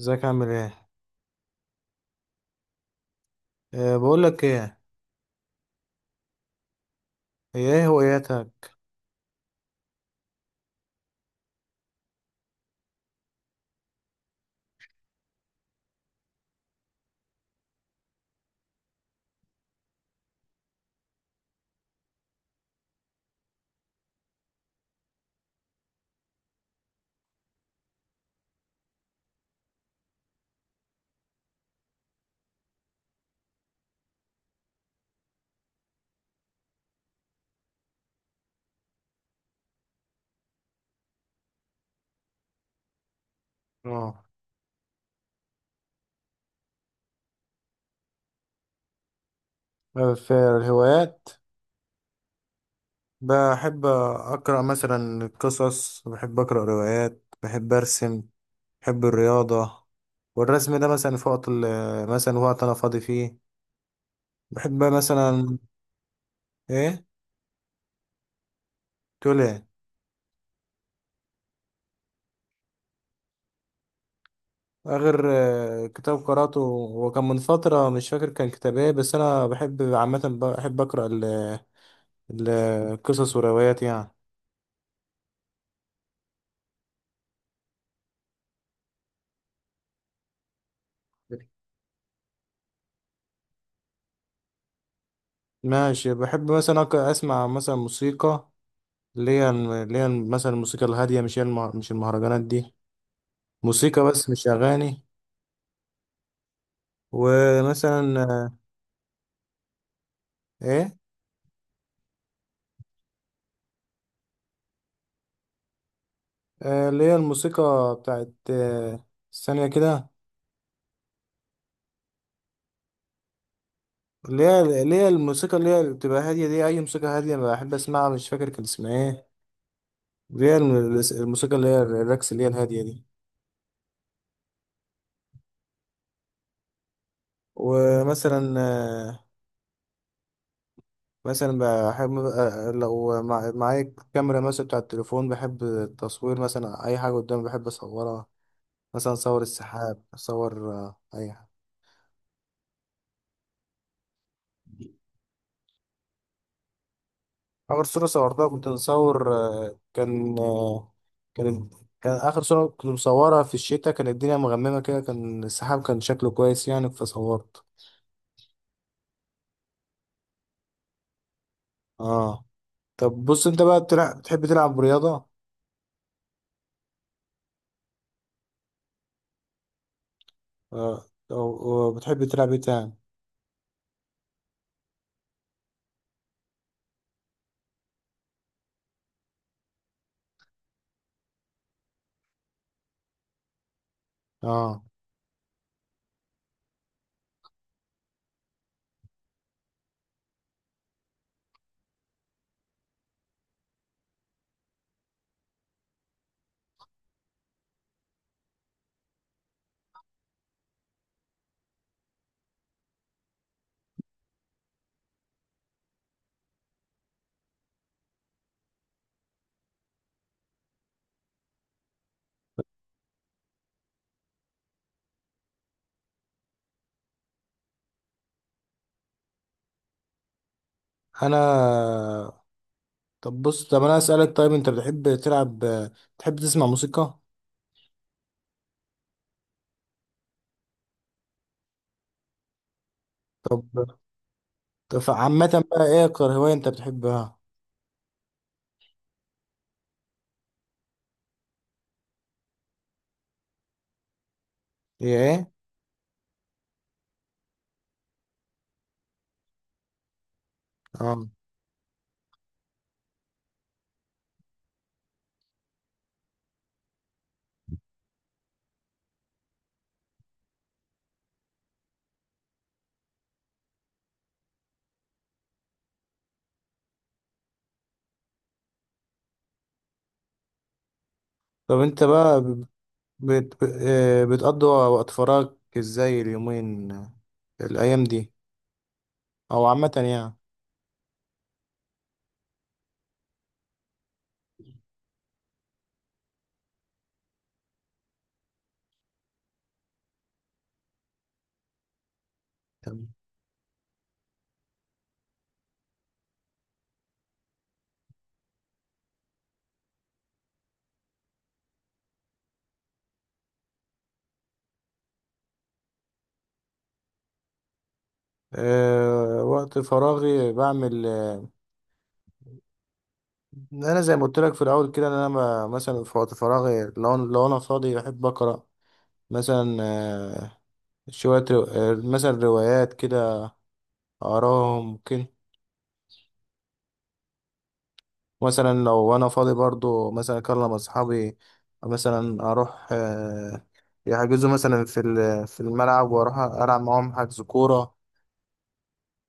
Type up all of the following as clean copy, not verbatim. ازيك عامل ايه؟ أه، بقول لك ايه. هي ايه هواياتك؟ اه. في الهوايات، بحب اقرا مثلا قصص، بحب اقرا روايات، بحب ارسم. بحب الرياضه. والرسم ده مثلا في وقت مثلا وقت انا فاضي فيه، بحب مثلا... ايه؟ تقول ايه؟ اخر كتاب قراته هو كان من فتره، مش فاكر كان كتاب ايه، بس انا بحب عامه بحب اقرا القصص والروايات يعني. ماشي. بحب مثلا اسمع مثلا موسيقى، اللي هي مثلا الموسيقى الهاديه، مش المهرجانات دي، موسيقى بس مش اغاني. ومثلا ايه؟ اللي هي الموسيقى بتاعت ثانيه كده. اللي هي الموسيقى اللي هي بتبقى هاديه دي، اي موسيقى هاديه بحب اسمعها، مش فاكر كان اسمها ايه. اللي هي الموسيقى اللي هي الرقص اللي هي الهاديه دي. ومثلا مثلا بحب لو معايا كاميرا مثلا بتاع التليفون، بحب التصوير، مثلا اي حاجه قدامي بحب اصورها. مثلا اصور السحاب، اصور اي حاجه. اخر صوره صورتها كنت مصور كان كان كان اخر صوره كنت مصورها في الشتاء، كان الدنيا مغممه كده، كان السحاب كان شكله كويس يعني، فصورت. اه. طب بص انت بقى بتلعب، بتحب تلعب رياضه؟ آه، او أو بتحب تلعب ايه تاني؟ اه، انا. طب بص طب انا اسالك، طيب انت بتحب تلعب؟ بتحب تسمع موسيقى؟ طب طب عامه بقى ايه اكتر هوايه انت بتحبها؟ هي ايه؟ اه، طب انت بقى بت... بت... آه، بتقضي وقت فراغك ازاي، اليومين، الايام دي، او عامه يعني؟ تمام. أه، وقت فراغي بعمل انا زي ما قلت لك في الاول كده، ان انا مثلا في وقت فراغي، لو انا فاضي بحب اقرا مثلا شويه رو... آه، مثلا روايات كده، أراه ممكن. مثلا لو أنا فاضي برضو، مثلا أكلم أصحابي، مثلا أروح يحجزوا مثلا في في الملعب وأروح ألعب معاهم حجز كورة.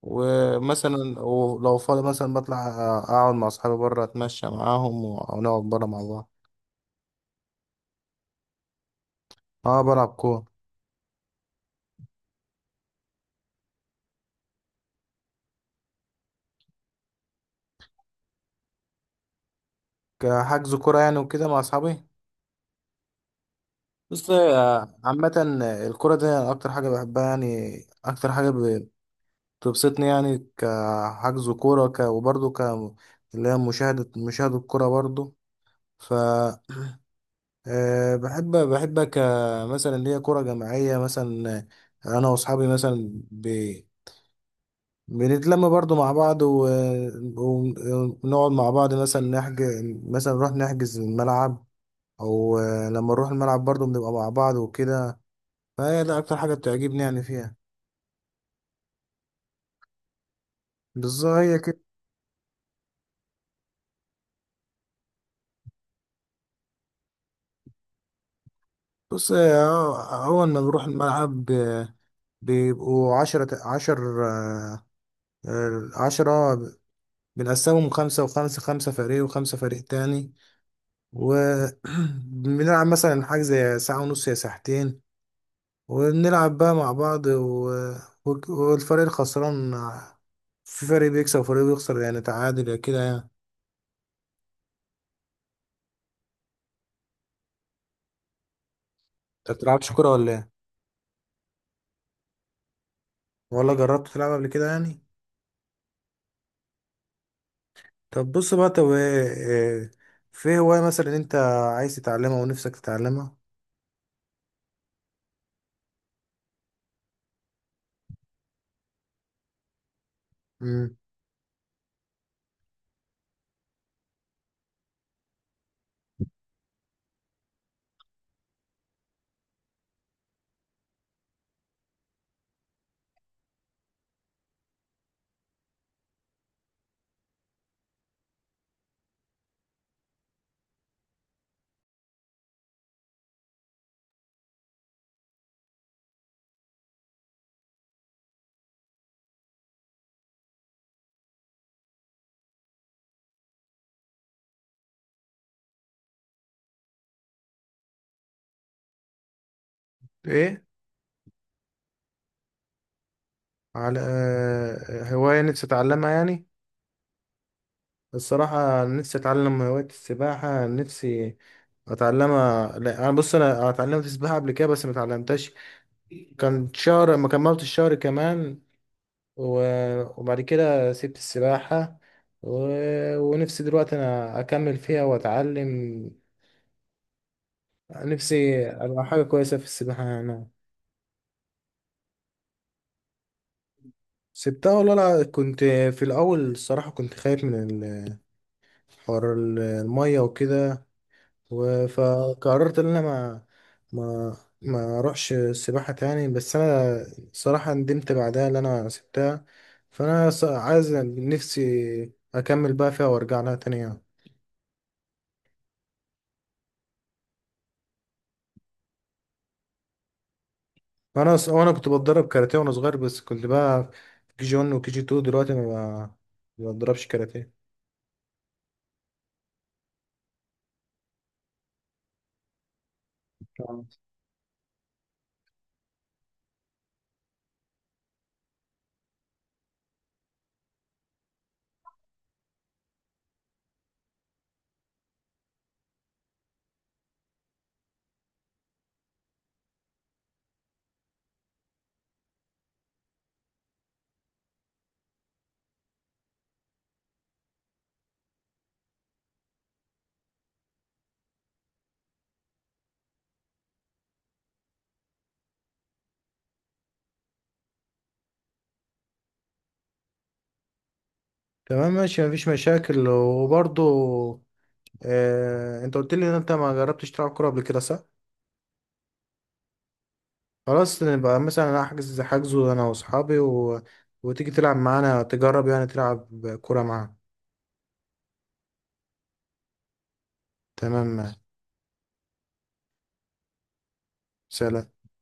ومثلا ولو فاضي مثلا بطلع أقعد مع أصحابي بره، أتمشى معاهم ونقعد بره مع بعض. أه، بلعب كورة، كحجز كورة يعني وكده مع أصحابي. بص عامة الكورة دي أكتر حاجة بحبها يعني، أكتر حاجة تبسطني يعني كحجز كورة، وبرضه اللي هي مشاهدة الكورة برضه. ف بحب كمثلا اللي هي كورة جماعية مثلا. أنا وأصحابي مثلا بنتلم برضه مع بعض ونقعد مع بعض مثلا نحجز، مثلا نروح نحجز الملعب، أو لما نروح الملعب برضه بنبقى مع بعض وكده. فهي ده أكتر حاجة بتعجبني يعني فيها. بالظبط هي كده. بص أول ما بنروح الملعب، بيبقوا عشرة، عشر عشرة. بنقسمهم خمسة وخمسة، خمسة فريق وخمسة فريق تاني، وبنلعب مثلا حاجة زي ساعة ونص يا ساعتين. وبنلعب بقى مع بعض والفريق الخسران، في فريق بيكسب وفريق بيخسر، يعني تعادل يا كده يعني. انت بتلعبش كورة ولا ايه؟ ولا جربت تلعب قبل كده يعني؟ طب بص بقى طب إيه، في هواية مثلا انت عايز تتعلمها ونفسك تتعلمها؟ مم. ايه؟ على هواية نفسي أتعلمها يعني. الصراحة نفسي أتعلم هواية السباحة، نفسي أتعلمها. لا، أنا بص، أنا اتعلمت سباحة قبل كده بس ما اتعلمتهاش، كان شهر ما كملت الشهر كمان، وبعد كده سبت السباحة و... ونفسي دلوقتي أنا أكمل فيها وأتعلم، نفسي أبقى حاجة كويسة في السباحة أنا. سبتها والله، لا، كنت في الأول الصراحة كنت خايف من ال- حوار المية وكده، فقررت ان انا ما ما اروحش السباحه تاني، بس انا صراحه ندمت بعدها ان انا سبتها. فانا عايز نفسي اكمل بقى فيها وارجع لها تاني يعني. انا وانا كنت بتدرب كاراتيه وانا صغير، بس كنت بقى في كي جي 1 وكي جي 2، دلوقتي ما بتدربش كاراتيه. آه. تمام ماشي، مفيش مشاكل. وبرضو انت قلت لي ان انت ما جربتش تلعب كوره قبل كده، صح؟ خلاص نبقى مثلا أنا احجز حجزه انا واصحابي وتيجي تلعب معانا، تجرب يعني تلعب كورة معانا. تمام. سلام.